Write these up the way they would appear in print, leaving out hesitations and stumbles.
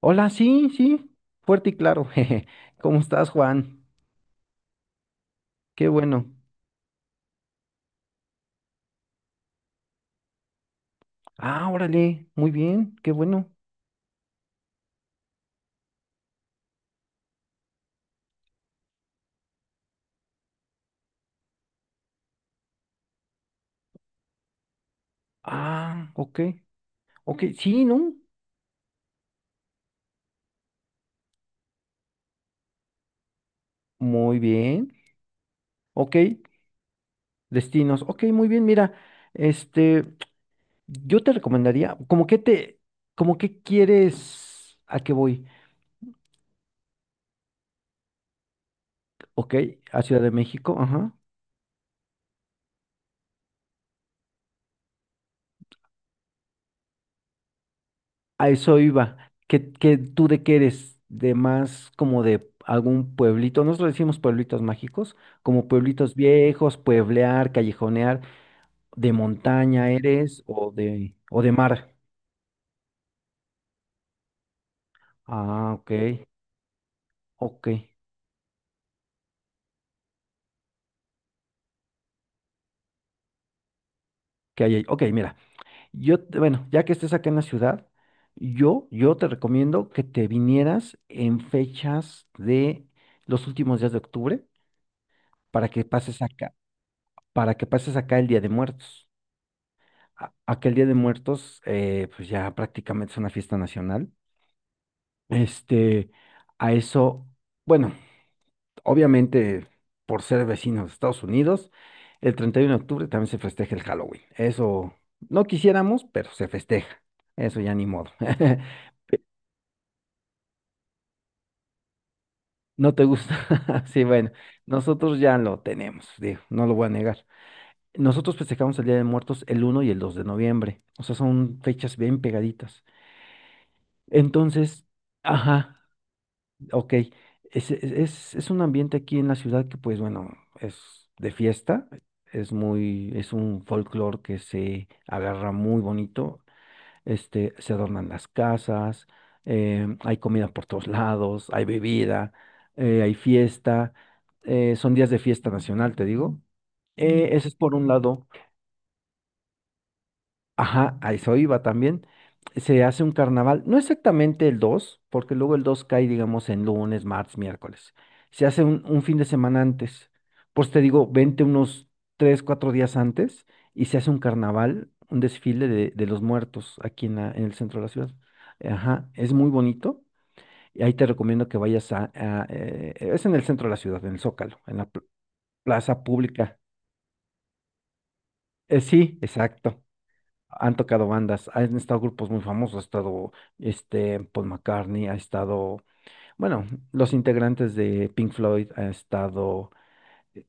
Hola, sí, sí, fuerte y claro. jeje. ¿Cómo estás, Juan? Qué bueno. Ah, órale, muy bien, qué bueno. Ah, ok, ok, sí, ¿no? Muy bien, ok, destinos, ok, muy bien, mira, este, yo te recomendaría, como que quieres, ¿a qué voy? Ok, a Ciudad de México, ajá. A eso iba. ¿Qué, tú de qué eres? ¿De más como de algún pueblito? Nosotros decimos pueblitos mágicos, como pueblitos viejos, pueblear, callejonear. ¿De montaña eres o o de mar? Ah, ok, ok. ¿Qué hay ahí? Ok, mira. Bueno, ya que estés acá en la ciudad, yo te recomiendo que te vinieras en fechas de los últimos días de octubre para que pases acá, para que pases acá el Día de Muertos. Aquel Día de Muertos, pues ya prácticamente es una fiesta nacional. Este, a eso, bueno, obviamente por ser vecinos de Estados Unidos, el 31 de octubre también se festeja el Halloween. Eso no quisiéramos, pero se festeja. Eso ya ni modo. ¿No te gusta? Sí, bueno, nosotros ya lo tenemos, digo, no lo voy a negar. Nosotros festejamos el Día de Muertos el 1 y el 2 de noviembre. O sea, son fechas bien pegaditas. Entonces, ajá, ok, es un ambiente aquí en la ciudad que, pues bueno, es de fiesta, es un folclore que se agarra muy bonito, se adornan las casas, hay comida por todos lados, hay bebida, hay fiesta, son días de fiesta nacional, te digo. Ese es por un lado. Ajá, a eso iba también. Se hace un carnaval, no exactamente el 2, porque luego el 2 cae, digamos, en lunes, martes, miércoles. Se hace un fin de semana antes. Pues te digo, vente unos 3, 4 días antes y se hace un carnaval, un desfile de los muertos aquí en el centro de la ciudad. Ajá, es muy bonito. Y ahí te recomiendo que vayas es en el centro de la ciudad, en el Zócalo, en la plaza pública. Sí, exacto. Han tocado bandas, han estado grupos muy famosos, ha estado Paul McCartney, ha estado, bueno, los integrantes de Pink Floyd, ha estado eh,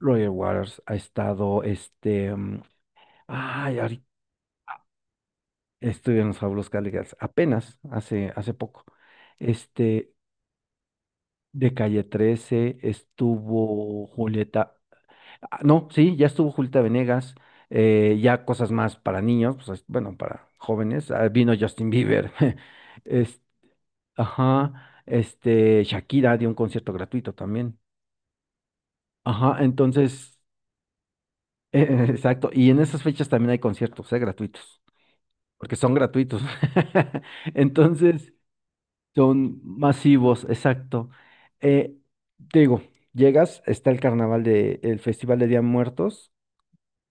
Roger Waters, ha estado ay, ahorita estuve en los Fabulos Cadillacs, apenas hace poco. Este de Calle 13 estuvo Julieta, ah, no, sí, ya estuvo Julieta Venegas, ya cosas más para niños, pues, bueno, para jóvenes, ah, vino Justin Bieber. este, Ajá, Shakira dio un concierto gratuito también. Ajá, entonces, exacto. Y en esas fechas también hay conciertos, gratuitos, porque son gratuitos. Entonces, son masivos, exacto. Eh, Te digo, llegas, está el carnaval el Festival de Día de Muertos.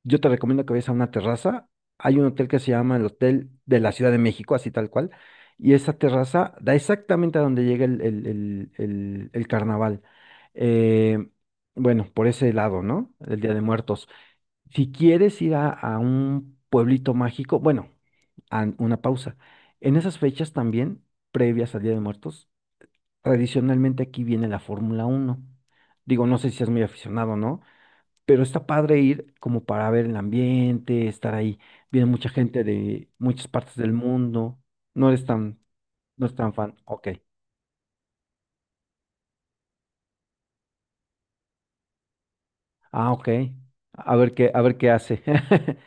Yo te recomiendo que vayas a una terraza. Hay un hotel que se llama el Hotel de la Ciudad de México, así tal cual. Y esa terraza da exactamente a donde llega el carnaval. Eh, bueno, por ese lado, ¿no? El Día de Muertos. Si quieres ir a un pueblito mágico, bueno, a una pausa. En esas fechas también, previas al Día de Muertos, tradicionalmente aquí viene la Fórmula 1. Digo, no sé si es muy aficionado, ¿no? Pero está padre ir como para ver el ambiente, estar ahí. Viene mucha gente de muchas partes del mundo. No eres tan, no es tan fan. Ok. Ah, ok. A ver qué hace.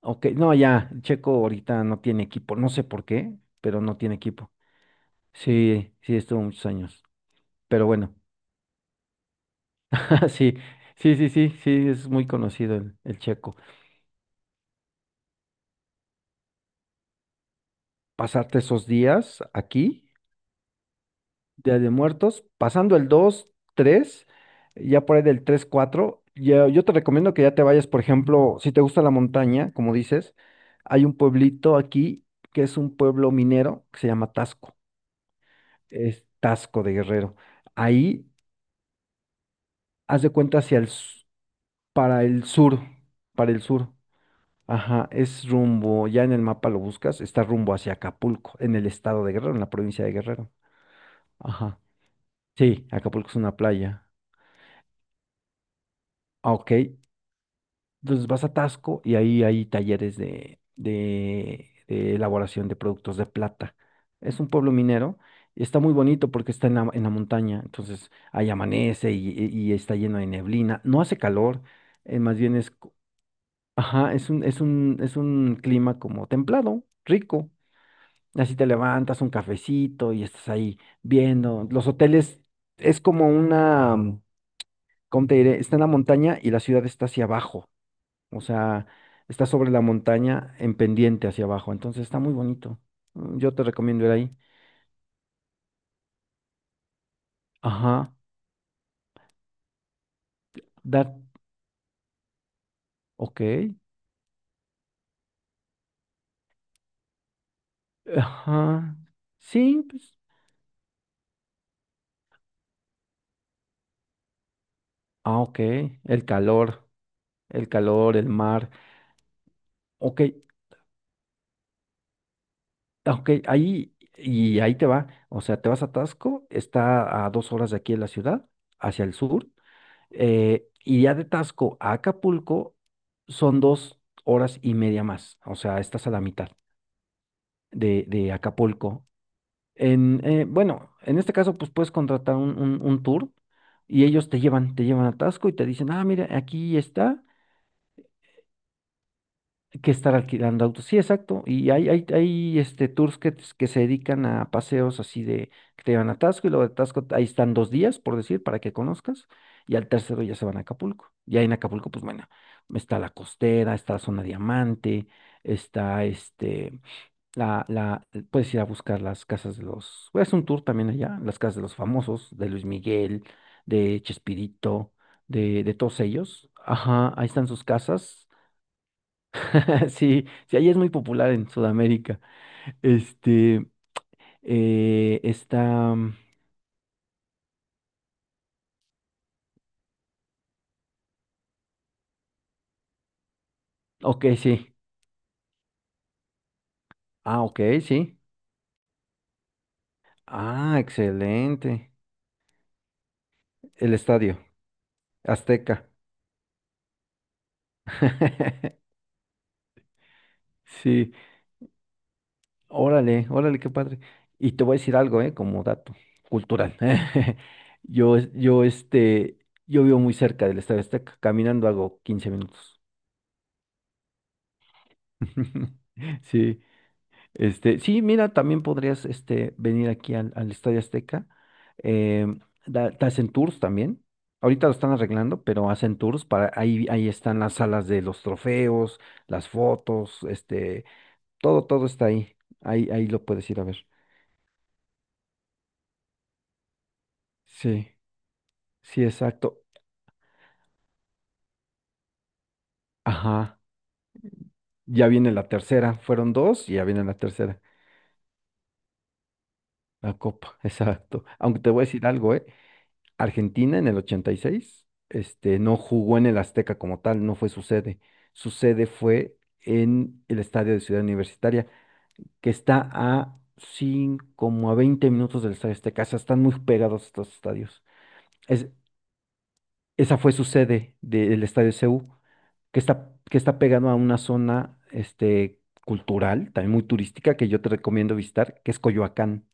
Ok, no, ya, Checo ahorita no tiene equipo. No sé por qué, pero no tiene equipo. Sí, sí, estuvo muchos años. Pero bueno, sí, sí, sí, sí, sí, es muy conocido el Checo. Pasarte esos días aquí. Día de Muertos, pasando el 2, 3, ya por ahí del 3, 4, yo te recomiendo que ya te vayas, por ejemplo, si te gusta la montaña, como dices, hay un pueblito aquí que es un pueblo minero que se llama Tasco, es Tasco de Guerrero. Ahí, haz de cuenta hacia para el sur, para el sur, ajá, es rumbo, ya en el mapa lo buscas, está rumbo hacia Acapulco, en el estado de Guerrero, en la provincia de Guerrero, ajá. Sí, Acapulco es una playa. Ah, ok, entonces vas a Tasco y ahí hay talleres de elaboración de productos de plata. Es un pueblo minero. Está muy bonito porque está en la montaña. Entonces ahí amanece y está lleno de neblina. No hace calor. Más bien ajá, es un clima como templado, rico. Así te levantas un cafecito y estás ahí viendo. Los hoteles es como una, ¿cómo te diré? Está en la montaña y la ciudad está hacia abajo. O sea, está sobre la montaña en pendiente hacia abajo. Entonces está muy bonito. Yo te recomiendo ir ahí. Ajá. That. Ok. Ajá. Sí, pues. Ah, ok. El calor. El calor, el mar. Ok. Ok. Ahí. Y ahí te va. O sea, te vas a Tasco. Está a 2 horas de aquí de la ciudad, hacia el sur. Y ya de Tasco a Acapulco son 2 horas y media más. O sea, estás a la mitad de Acapulco. Bueno, en este caso, pues puedes contratar un tour y ellos te llevan a Tasco y te dicen, ah, mira, aquí está, hay que estar alquilando autos. Sí, exacto. Y hay tours que se dedican a paseos así de que te llevan a Tasco y luego de Tasco ahí están 2 días, por decir, para que conozcas. Y al tercero ya se van a Acapulco. Y ahí en Acapulco, pues bueno, está la costera, está la zona diamante, está. Puedes ir a buscar las casas de los. Voy a hacer un tour también allá, las casas de los famosos, de Luis Miguel, de Chespirito, de todos ellos. Ajá, ahí están sus casas. Sí, sí, ahí es muy popular en Sudamérica. Este, está. Mm, ok, sí. Ah, ok, sí. Ah, excelente. El Estadio Azteca. Sí, órale, órale, qué padre. Y te voy a decir algo, ¿eh? Como dato cultural. Yo, es- yo, este, yo vivo muy cerca del Estadio Azteca, caminando hago 15 minutos. Sí, sí, mira, también podrías, venir aquí al Estadio Azteca. Em, te hacen tours también. Ahorita lo están arreglando, pero hacen tours ahí están las salas de los trofeos, las fotos, todo está ahí. Ahí lo puedes ir a ver. Sí. Sí, exacto. Ajá. Ya viene la tercera. Fueron dos y ya viene la tercera. La Copa, exacto. Aunque te voy a decir algo, ¿eh? Argentina en el 86, no jugó en el Azteca como tal, no fue su sede. Su sede fue en el estadio de Ciudad Universitaria, que está a 5, como a 20 minutos del Estadio Azteca. O sea, están muy pegados estos estadios. Es, Esa fue su sede del Estadio CU, que está pegado a una zona cultural, también muy turística, que yo te recomiendo visitar, que es Coyoacán.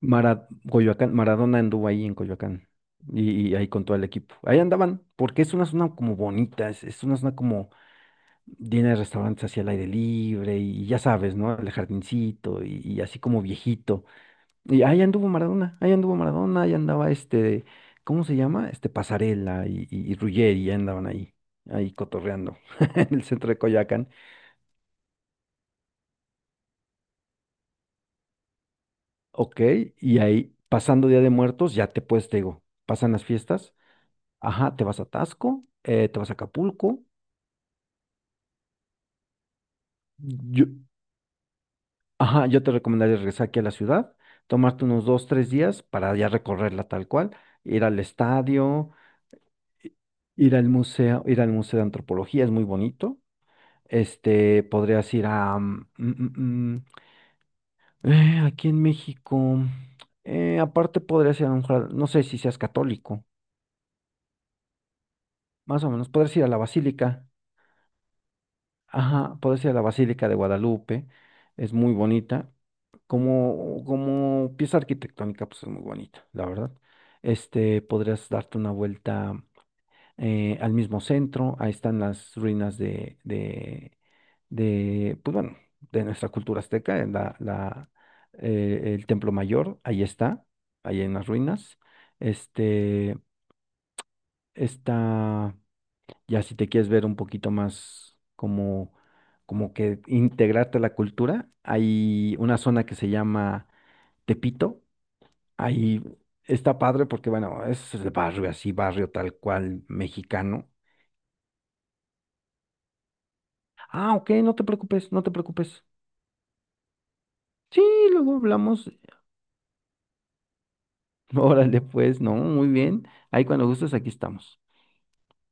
Coyoacán, Maradona anduvo ahí en Coyoacán y ahí con todo el equipo. Ahí andaban, porque es una zona como bonita, es una zona como llena de restaurantes hacia el aire libre y ya sabes, ¿no? El jardincito y así como viejito. Y ahí anduvo Maradona, ahí anduvo Maradona, ahí andaba ¿cómo se llama? Este Pasarela y Ruggeri, ya andaban ahí, cotorreando en el centro de Coyoacán. Ok, y ahí pasando Día de Muertos, ya te puedes, te digo, pasan las fiestas, ajá, te vas a Taxco, te vas a Acapulco. Yo, ajá, yo te recomendaría regresar aquí a la ciudad, tomarte unos 2, 3 días para ya recorrerla tal cual, ir al estadio, i- ir al Museo de Antropología, es muy bonito. Podrías ir a... mm, mm, mm, aquí en México. Aparte podrías ir. No sé si seas católico, más o menos. Podrías ir a la Basílica. Ajá, podrías ir a la Basílica de Guadalupe. Es muy bonita. Como pieza arquitectónica, pues es muy bonita, la verdad. Podrías darte una vuelta al mismo centro. Ahí están las ruinas pues bueno, de nuestra cultura azteca, en el Templo Mayor, ahí está, ahí en las ruinas. Este, está, ya si te quieres ver un poquito más como que integrarte a la cultura, hay una zona que se llama Tepito, ahí está padre porque, bueno, es el barrio así, barrio tal cual mexicano. Ah, ok, no te preocupes, no te preocupes. Sí, luego hablamos. Órale, pues, no, muy bien. Ahí cuando gustes, aquí estamos.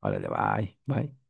Órale, bye, bye.